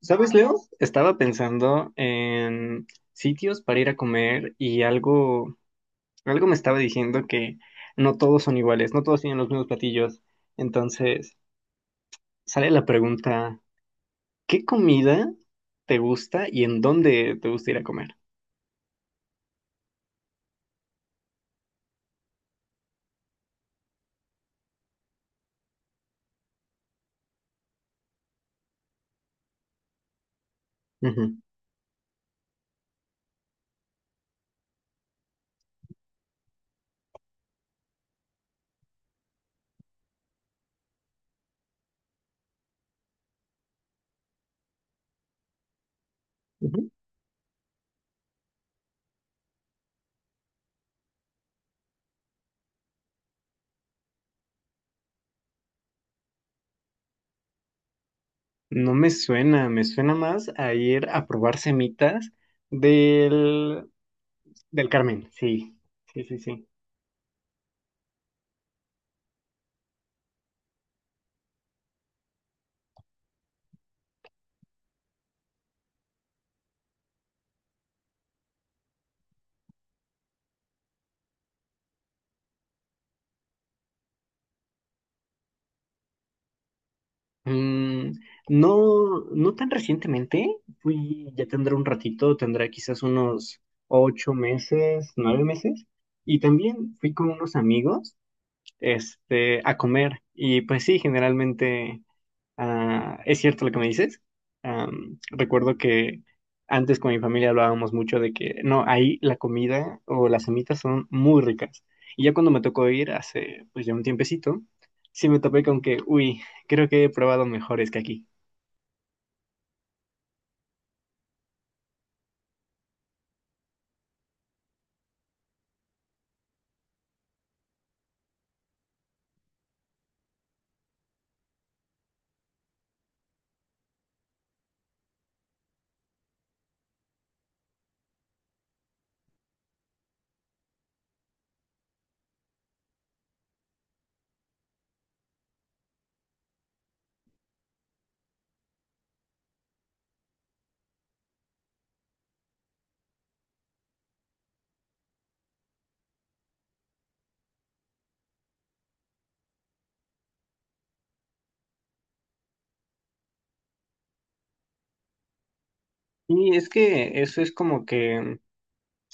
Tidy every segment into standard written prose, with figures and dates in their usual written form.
¿Sabes, Leo? Estaba pensando en sitios para ir a comer y algo me estaba diciendo que no todos son iguales, no todos tienen los mismos platillos. Entonces, sale la pregunta, ¿qué comida te gusta y en dónde te gusta ir a comer? Ujú, ujú. No me suena, me suena más a ir a probar semitas del, del Carmen. Sí, sí, sí, sí. Mm, no, no tan recientemente, fui, ya tendrá un ratito, tendrá quizás unos 8 meses, 9 meses, y también fui con unos amigos, este, a comer, y pues sí, generalmente. Ah, es cierto lo que me dices. Recuerdo que antes con mi familia hablábamos mucho de que no, ahí la comida o las semitas son muy ricas. Y ya cuando me tocó ir hace pues ya un tiempecito, sí me topé con que, uy, creo que he probado mejores que aquí. Y es que eso es como que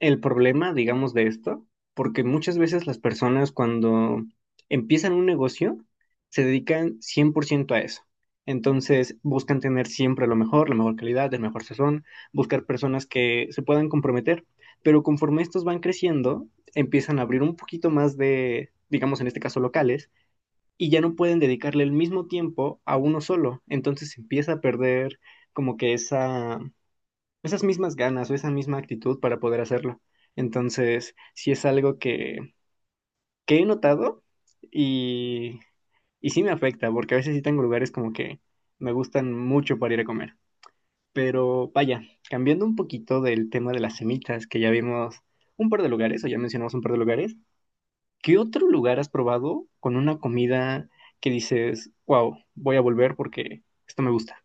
el problema, digamos, de esto, porque muchas veces las personas cuando empiezan un negocio se dedican 100% a eso. Entonces buscan tener siempre lo mejor, la mejor calidad, el mejor sazón, buscar personas que se puedan comprometer. Pero conforme estos van creciendo, empiezan a abrir un poquito más de, digamos en este caso, locales, y ya no pueden dedicarle el mismo tiempo a uno solo. Entonces se empieza a perder como que esas mismas ganas o esa misma actitud para poder hacerlo. Entonces, sí es algo que he notado y, y sí me afecta, porque a veces sí tengo lugares como que me gustan mucho para ir a comer. Pero vaya, cambiando un poquito del tema de las semitas, que ya vimos un par de lugares, o ya mencionamos un par de lugares, ¿qué otro lugar has probado con una comida que dices, wow, voy a volver porque esto me gusta?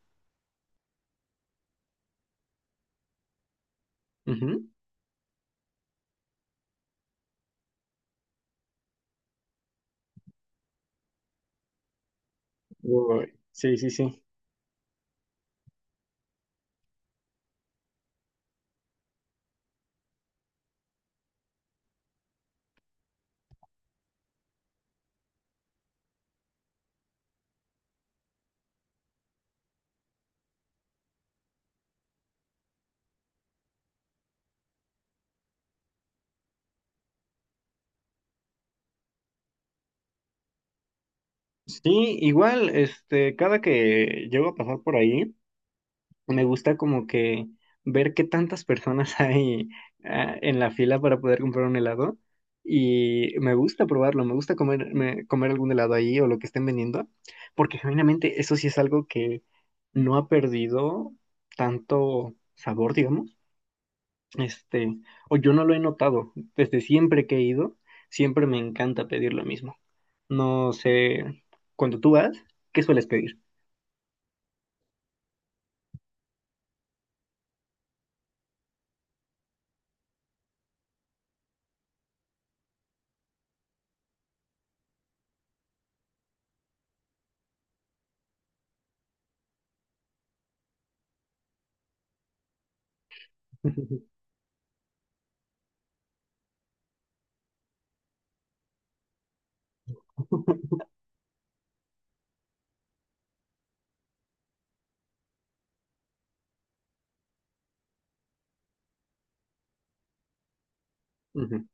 Ujú. Uy, sí, sí, sí. Sí, igual, este, cada que llego a pasar por ahí, me gusta como que ver qué tantas personas hay en la fila para poder comprar un helado y me gusta probarlo, me gusta comer, comer algún helado ahí o lo que estén vendiendo, porque genuinamente eso sí es algo que no ha perdido tanto sabor, digamos. Este, o yo no lo he notado. Desde siempre que he ido, siempre me encanta pedir lo mismo. No sé, cuando tú vas, ¿qué sueles pedir? Ujú.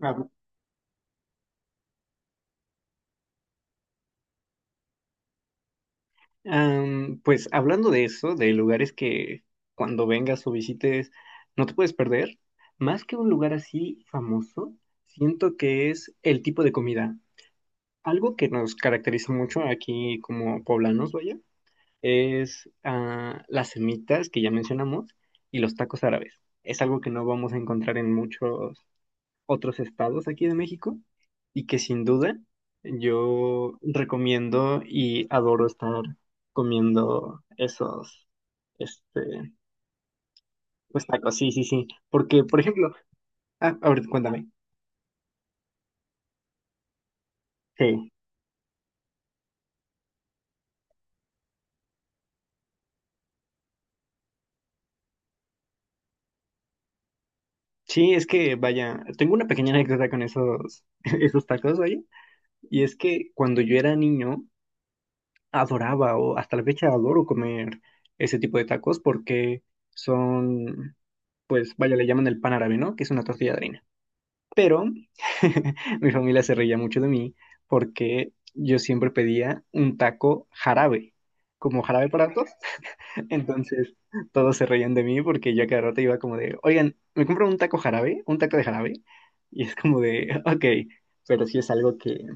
Hab- pues hablando de eso, de lugares que cuando vengas o visites no te puedes perder, más que un lugar así famoso, siento que es el tipo de comida. Algo que nos caracteriza mucho aquí como poblanos, vaya, es las semitas que ya mencionamos y los tacos árabes. Es algo que no vamos a encontrar en muchos otros estados aquí de México y que sin duda yo recomiendo y adoro estar comiendo esos, este, pues tacos, sí, sí, sí. Porque, por ejemplo, a ver, cuéntame. Sí, sí, es que vaya, tengo una pequeña anécdota con esos, esos tacos, vaya. Y es que cuando yo era niño, adoraba o hasta la fecha adoro comer ese tipo de tacos porque son, pues vaya, le llaman el pan árabe, ¿no? Que es una tortilla de harina. Pero mi familia se reía mucho de mí porque yo siempre pedía un taco jarabe, como jarabe para. Entonces todos se reían de mí porque yo a cada rato iba como de, oigan, me compro un taco jarabe, un taco de jarabe. Y es como de, ok, pero sí es algo que,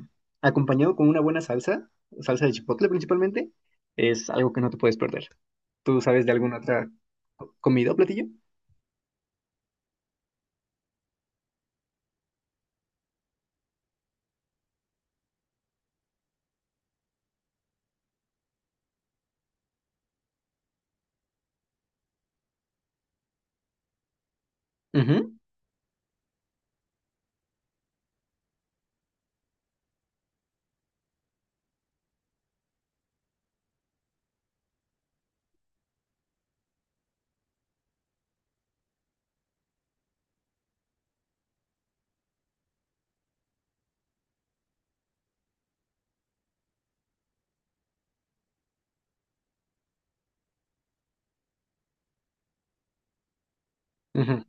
acompañado con una buena salsa, salsa de chipotle principalmente, es algo que no te puedes perder. ¿Tú sabes de alguna otra comida o platillo? Ujú, ujú.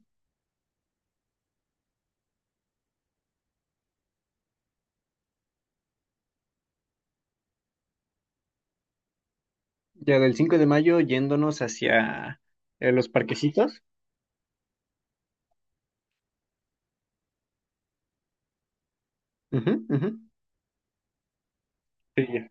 Ya del 5 de mayo yéndonos hacia los parquecitos. Ujú, ujú. Sí, ya.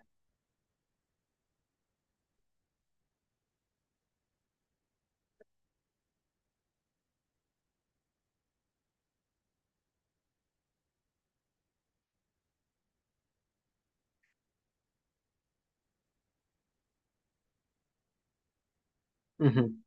Ujú.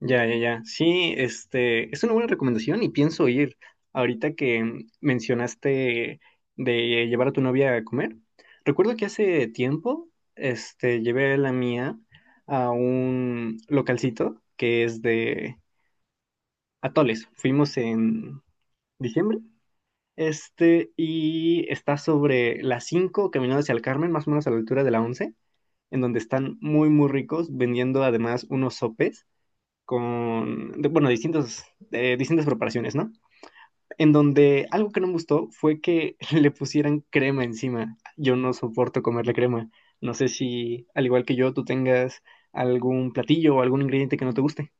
Ya, ya, ya. Sí, este, es una buena recomendación y pienso ir. Ahorita que mencionaste de llevar a tu novia a comer, recuerdo que hace tiempo, este, llevé a la mía a un localcito que es de atoles. Fuimos en diciembre, este, y está sobre las 5, caminando hacia el Carmen, más o menos a la altura de la 11, en donde están muy, muy ricos, vendiendo además unos sopes con, bueno, distintos, distintas preparaciones, ¿no? En donde algo que no me gustó fue que le pusieran crema encima. Yo no soporto comerle crema. No sé si, al igual que yo, tú tengas algún platillo o algún ingrediente que no te guste.